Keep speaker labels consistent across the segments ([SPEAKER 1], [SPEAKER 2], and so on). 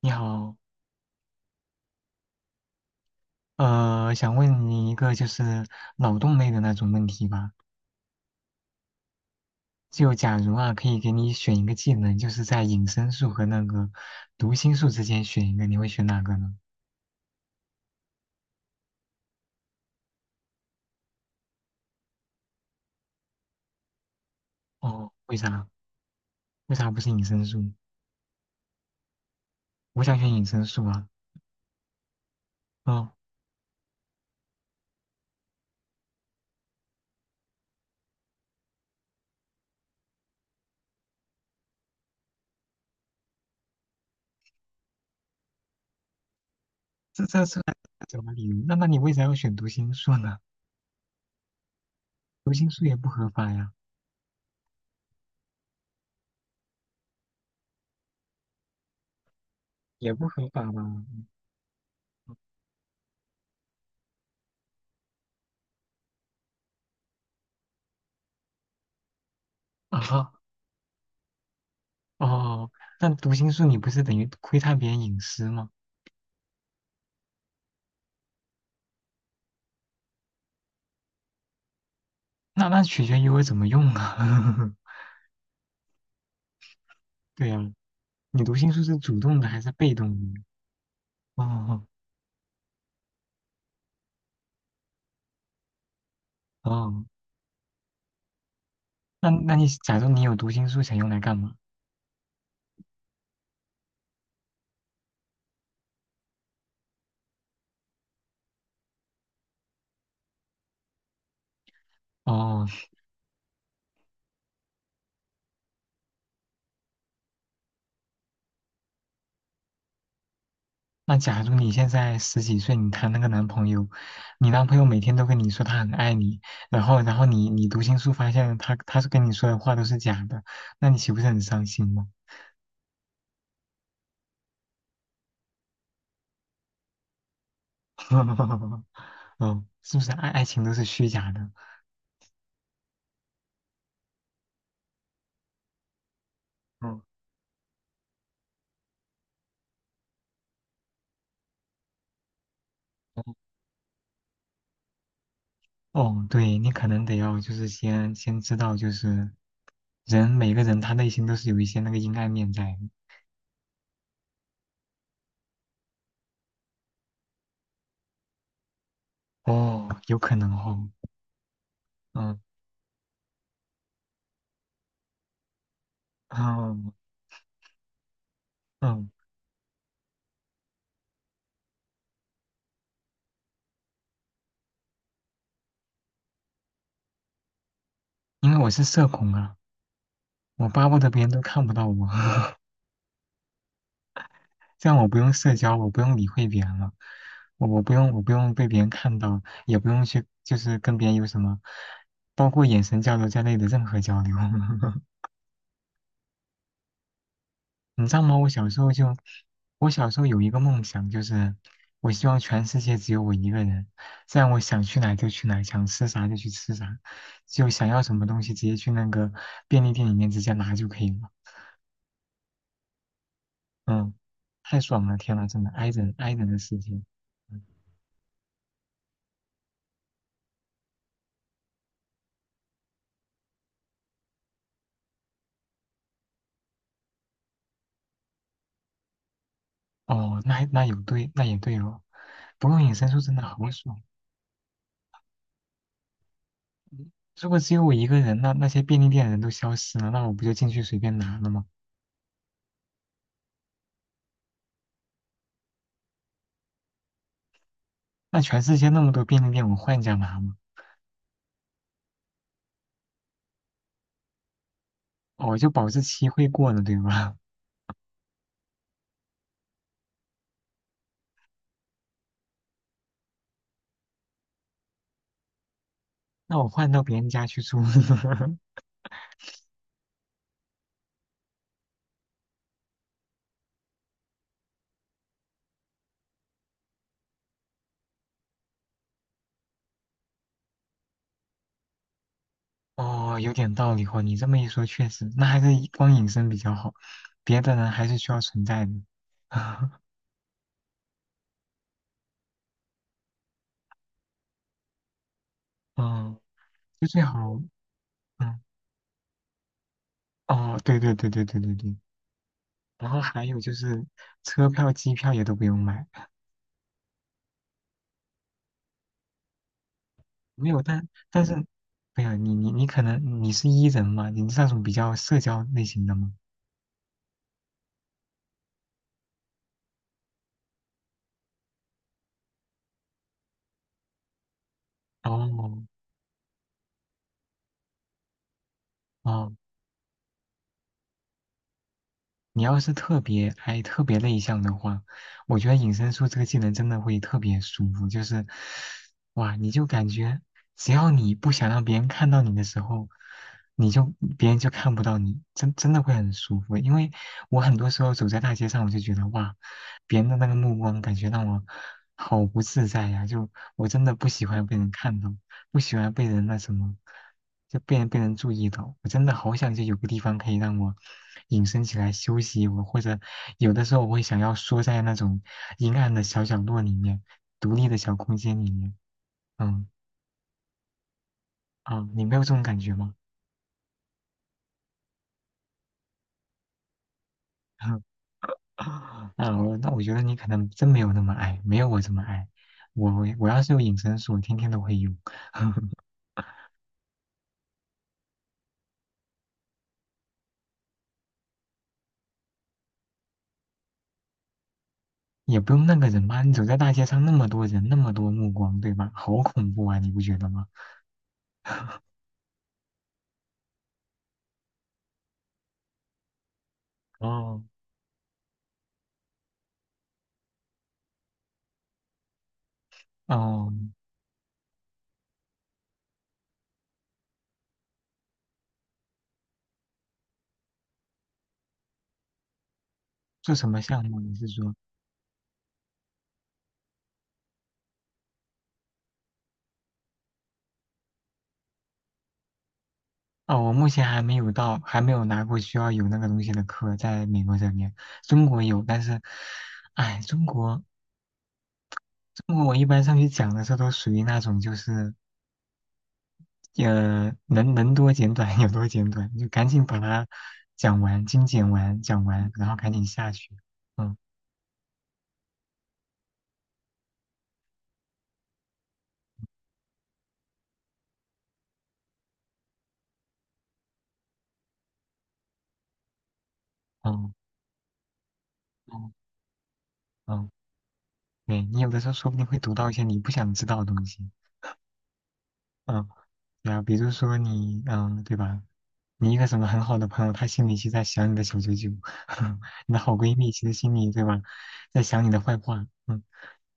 [SPEAKER 1] 你好，想问你一个就是脑洞类的那种问题吧。就假如啊，可以给你选一个技能，就是在隐身术和那个读心术之间选一个，你会选哪个呢？哦，为啥？为啥不是隐身术？我想选隐身术啊。哦，这怎么理由？那你为啥要选读心术呢？读心术也不合法呀，也不合法吧？啊，哦，但读心术你不是等于窥探别人隐私吗？那取决于我怎么用啊。对呀、你读心术是主动的还是被动的？哦哦，那你假如你有读心术，想用来干嘛？哦，那假如你现在十几岁，你谈了个男朋友，你男朋友每天都跟你说他很爱你，然后你读心术发现他是跟你说的话都是假的，那你岂不是很伤心吗？哦，是不是爱情都是虚假的？嗯。哦，对，你可能得要就是先知道，就是人每个人他内心都是有一些那个阴暗面在的。哦，有可能哦，嗯嗯嗯，因为我是社恐啊，我巴不得别人都看不到我，这样我不用社交，我不用理会别人了，我不用被别人看到，也不用去就是跟别人有什么，包括眼神交流在内的任何交流。你知道吗？我小时候就，我小时候有一个梦想，就是我希望全世界只有我一个人，这样我想去哪就去哪，想吃啥就去吃啥，就想要什么东西直接去那个便利店里面直接拿就可以了。嗯，太爽了！天呐，真的，i 人 i 人的世界。嗯。哦，那那有对，那也对哦。不过隐身术真的好爽。如果只有我一个人，那那些便利店的人都消失了，那我不就进去随便拿了吗？那全世界那么多便利店，我换一家拿吗？哦，就保质期会过的，对吧？那我换到别人家去住，哦，有点道理哦。你这么一说，确实，那还是以光隐身比较好，别的人还是需要存在的。嗯，就最好，嗯，哦，对对对对对对对。然后还有就是车票、机票也都不用买，没有，但是，没有你可能你是 E 人嘛，你是那种比较社交类型的吗？哦哦，你要是特别 I 特别内向的话，我觉得隐身术这个技能真的会特别舒服，就是，哇，你就感觉只要你不想让别人看到你的时候，你就别人就看不到你，真的会很舒服。因为我很多时候走在大街上，我就觉得哇，别人的那个目光感觉让我好不自在呀、就我真的不喜欢被人看到，不喜欢被人那什么，就被人注意到，我真的好想就有个地方可以让我。隐身起来休息我或者有的时候我会想要缩在那种阴暗的小角落里面，独立的小空间里面。嗯，啊，你没有这种感觉吗？啊，我觉得你可能真没有那么爱，没有我这么爱。我我要是有隐身术，我天天都会用，也不用那个人吧？你走在大街上，那么多人，那么多目光，对吧？好恐怖啊，你不觉得吗？哦，哦，做什么项目？你是说？哦，我目前还没有到，还没有拿过需要有那个东西的课，在美国这边，中国有，但是，哎，中国，中国我一般上去讲的时候都属于那种就是，能多简短有多简短，就赶紧把它讲完，精简完，讲完，然后赶紧下去。嗯嗯嗯嗯，对，你有的时候说不定会读到一些你不想知道的东西。嗯。对啊，比如说你，嗯，对吧？你一个什么很好的朋友，他心里其实在想你的小九九，你的好闺蜜其实心里，对吧，在想你的坏话，嗯，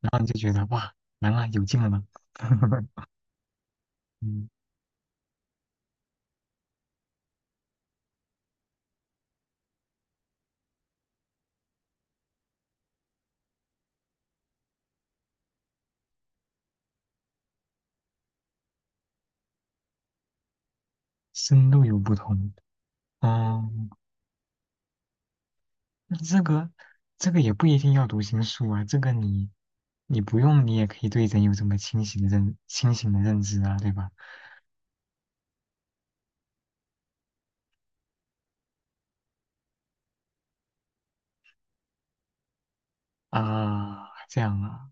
[SPEAKER 1] 然后你就觉得哇，完了，有劲了呢，嗯，深度有不同，嗯，那这个这个也不一定要读心术啊，这个你你不用，你也可以对人有这么清醒的认知啊，对吧？啊，这样啊。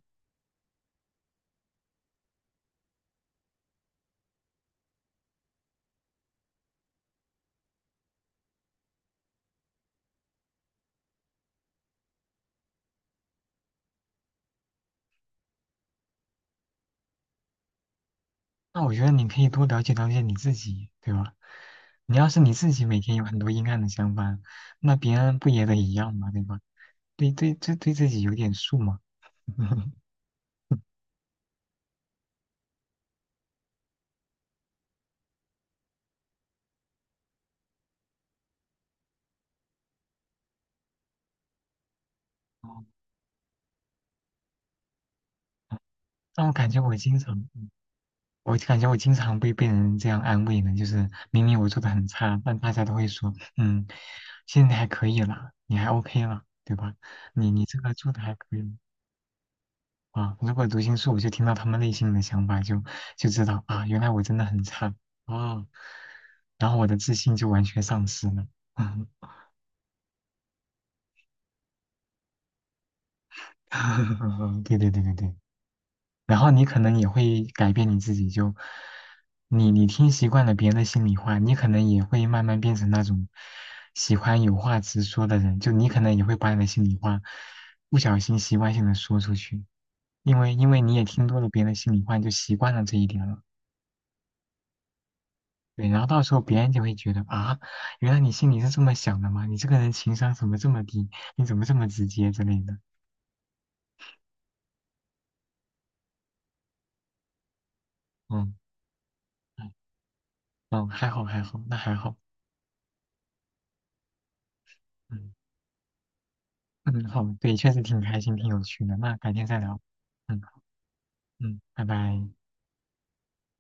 [SPEAKER 1] 那我觉得你可以多了解了解你自己，对吧？你要是你自己每天有很多阴暗的想法，那别人不也得一样嘛，对吧？对对，对对自己有点数嘛。哦但我感觉我经常，我感觉我经常被人这样安慰呢，就是明明我做的很差，但大家都会说，嗯，现在还可以啦，你还 OK 啦，对吧？你你这个做的还可以，啊，如果读心术，我就听到他们内心的想法就，就知道啊，原来我真的很差啊，然后我的自信就完全丧失了。对对对对对，然后你可能也会改变你自己就，你你听习惯了别人的心里话，你可能也会慢慢变成那种喜欢有话直说的人，就你可能也会把你的心里话不小心习惯性的说出去，因为你也听多了别人的心里话，你就习惯了这一点了。对，然后到时候别人就会觉得啊，原来你心里是这么想的吗？你这个人情商怎么这么低？你怎么这么直接之类的？嗯嗯，嗯还好还好，那还好，嗯嗯好，对，确实挺开心，挺有趣的。那改天再聊，嗯嗯，拜拜。